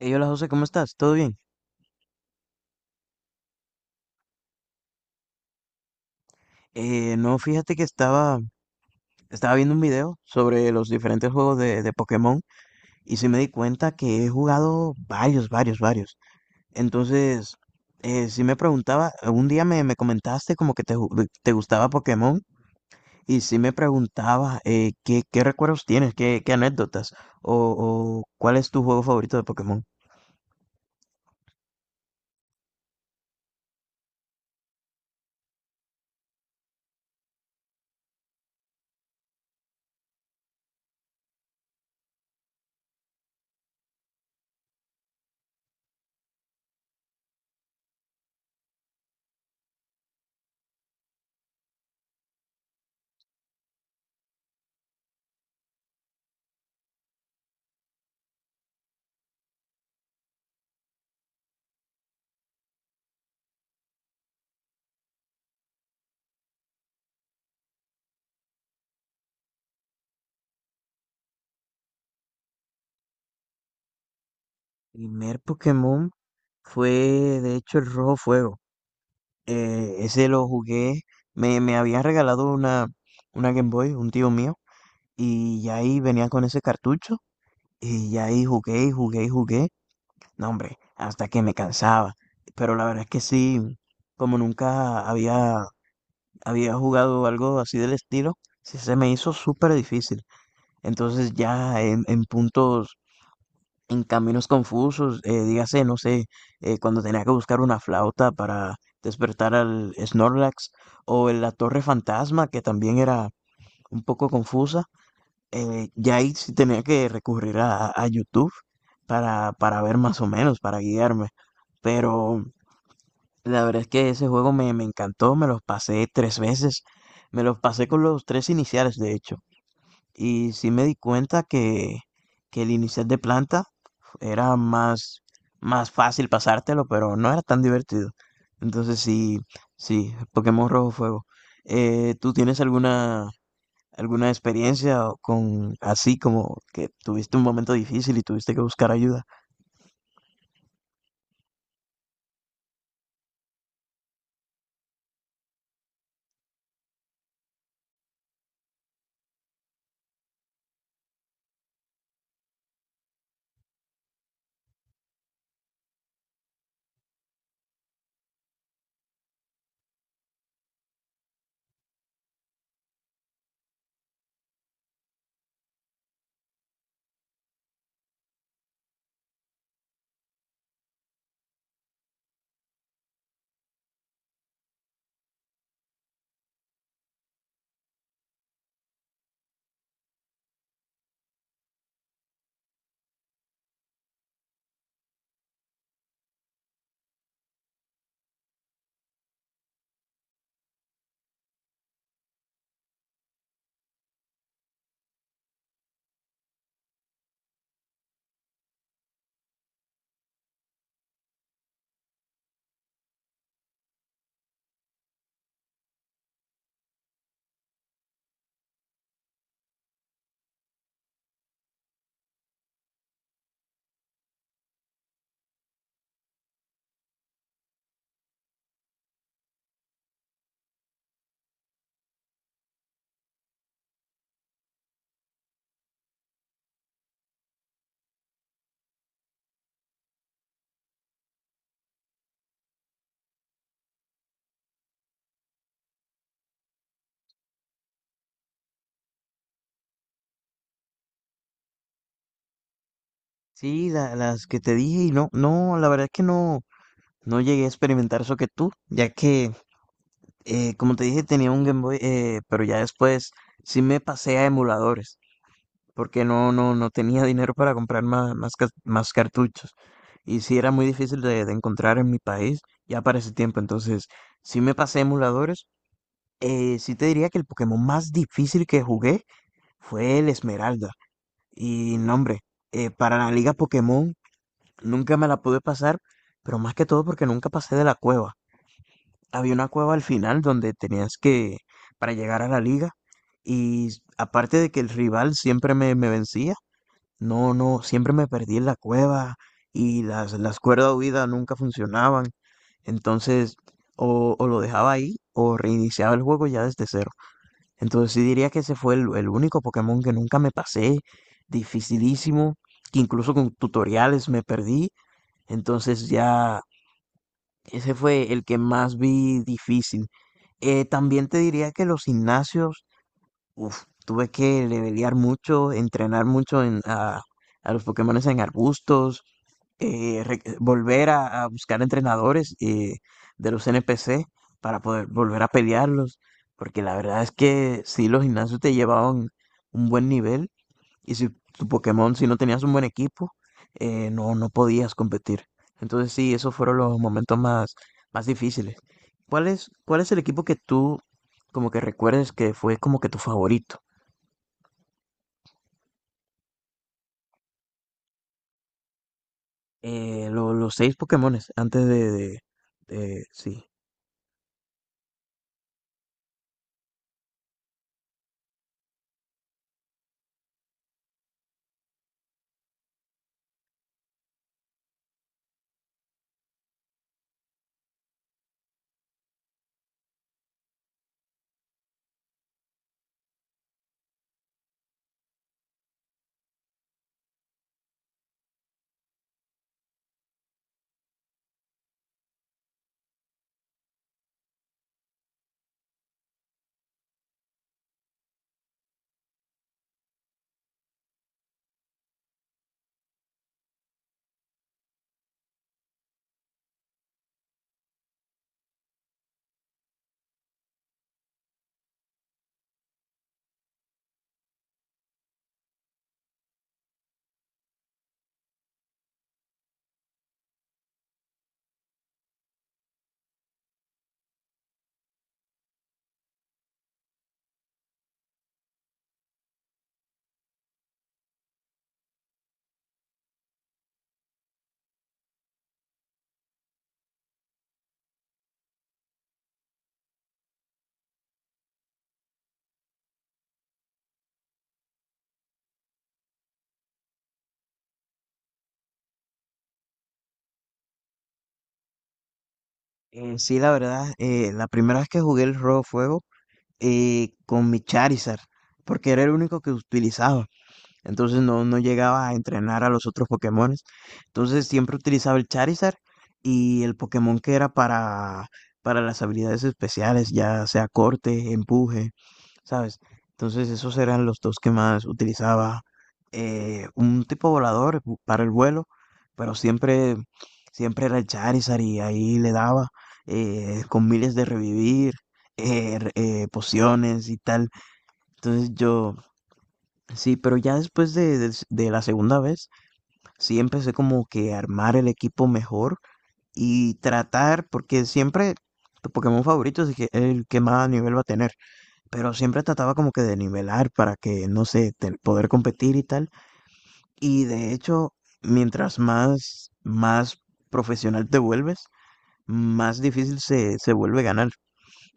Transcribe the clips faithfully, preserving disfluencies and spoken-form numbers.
Hey, hola José, ¿cómo estás? ¿Todo bien? Eh, no, fíjate que estaba, estaba viendo un video sobre los diferentes juegos de, de Pokémon y sí me di cuenta que he jugado varios, varios, varios. Entonces, eh, sí me preguntaba, un día me, me comentaste como que te, ju- te gustaba Pokémon y sí me preguntaba eh, ¿qué, qué recuerdos tienes, qué, qué anécdotas o, o cuál es tu juego favorito de Pokémon? Primer Pokémon fue de hecho el Rojo Fuego. Eh, ese lo jugué, me, me había regalado una, una Game Boy, un tío mío, y ya ahí venía con ese cartucho, y ya ahí jugué y jugué y jugué. No, hombre, hasta que me cansaba. Pero la verdad es que sí, como nunca había, había jugado algo así del estilo, sí se me hizo súper difícil. Entonces ya en, en puntos en caminos confusos, eh, dígase, no sé, eh, cuando tenía que buscar una flauta para despertar al Snorlax, o en la Torre Fantasma, que también era un poco confusa, eh, ya ahí sí tenía que recurrir a, a YouTube para, para ver más o menos, para guiarme. Pero la verdad es que ese juego me, me encantó, me los pasé tres veces, me los pasé con los tres iniciales, de hecho. Y sí me di cuenta que, que el inicial de planta era más, más fácil pasártelo, pero no era tan divertido. Entonces sí, sí, Pokémon Rojo Fuego. Eh, ¿tú tienes alguna, alguna experiencia con así como que tuviste un momento difícil y tuviste que buscar ayuda? Sí, la- las que te dije y no, no, la verdad es que no, no llegué a experimentar eso que tú, ya que, eh, como te dije, tenía un Game Boy, eh, pero ya después sí me pasé a emuladores, porque no, no, no tenía dinero para comprar más, más, cas- más cartuchos. Y sí era muy difícil de, de encontrar en mi país, ya para ese tiempo, entonces sí me pasé a emuladores. Eh, sí te diría que el Pokémon más difícil que jugué fue el Esmeralda. Y no, hombre, eh, para la Liga Pokémon nunca me la pude pasar, pero más que todo porque nunca pasé de la cueva. Había una cueva al final donde tenías que, para llegar a la liga, y aparte de que el rival siempre me, me vencía, no, no, siempre me perdí en la cueva y las, las cuerdas de huida nunca funcionaban. Entonces, o, o lo dejaba ahí o reiniciaba el juego ya desde cero. Entonces, sí diría que ese fue el, el único Pokémon que nunca me pasé, dificilísimo, que incluso con tutoriales me perdí, entonces ya ese fue el que más vi difícil. Eh, también te diría que los gimnasios, uf, tuve que levelear mucho, entrenar mucho en, a, a los Pokémones en arbustos, eh, re- volver a, a buscar entrenadores eh, de los N P C para poder volver a pelearlos, porque la verdad es que sí, los gimnasios te llevaban un buen nivel y si tu Pokémon, si no tenías un buen equipo, eh, no, no podías competir. Entonces sí, esos fueron los momentos más, más difíciles. ¿Cuál es, cuál es el equipo que tú como que recuerdes que fue como que tu favorito? Eh, lo- los seis Pokémones antes de, de- de- sí. Eh, sí, la verdad, eh, la primera vez que jugué el Rojo Fuego eh, con mi Charizard, porque era el único que utilizaba. Entonces no, no llegaba a entrenar a los otros Pokémones. Entonces siempre utilizaba el Charizard y el Pokémon que era para, para las habilidades especiales, ya sea corte, empuje, ¿sabes? Entonces esos eran los dos que más utilizaba. Eh, un tipo volador bu- para el vuelo, pero siempre, siempre era el Charizard y ahí le daba eh, con miles de revivir, eh, re- eh, pociones y tal. Entonces yo, sí, pero ya después de, de s- de la segunda vez, sí empecé como que a armar el equipo mejor y tratar, porque siempre tu Pokémon favorito es el que el que más nivel va a tener, pero siempre trataba como que de nivelar para que, no sé, te- poder competir y tal. Y de hecho, mientras más, más profesional te vuelves, más difícil se, se vuelve ganar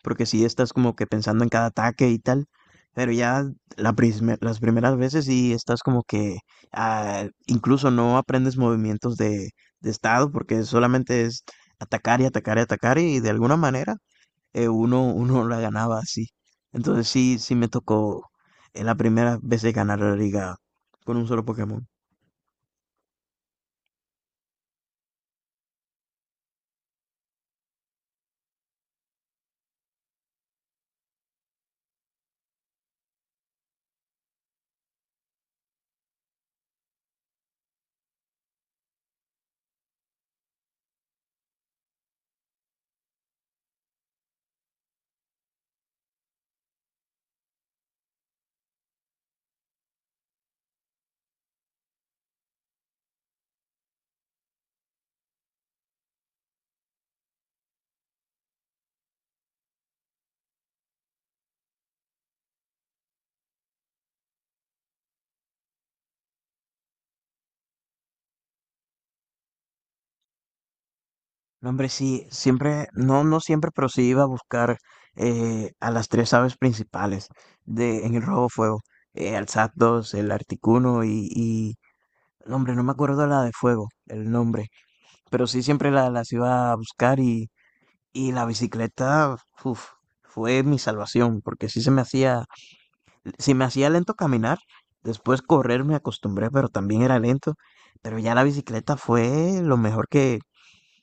porque sí estás como que pensando en cada ataque y tal, pero ya la prisme- las primeras veces sí estás como que ah, incluso no aprendes movimientos de, de estado porque solamente es atacar y atacar y atacar y de alguna manera eh, uno, uno la ganaba así. Entonces sí, sí me tocó en la primera vez de ganar la liga con un solo Pokémon. No, hombre, sí, siempre, no, no siempre, pero sí iba a buscar eh, a las tres aves principales de, en el robo fuego, eh, al Zapdos, el Articuno y, y, no, hombre, no me acuerdo la de fuego, el nombre, pero sí siempre la, las iba a buscar y, y la bicicleta, uf, fue mi salvación, porque sí se me hacía, si me hacía lento caminar, después correr me acostumbré, pero también era lento, pero ya la bicicleta fue lo mejor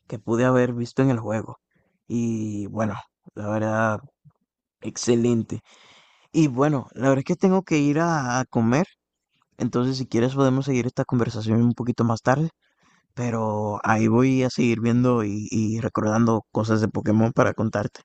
que pude haber visto en el juego. Y bueno, la verdad, excelente. Y bueno, la verdad es que tengo que ir a, a comer. Entonces, si quieres, podemos seguir esta conversación un poquito más tarde. Pero ahí voy a seguir viendo y, y recordando cosas de Pokémon para contarte.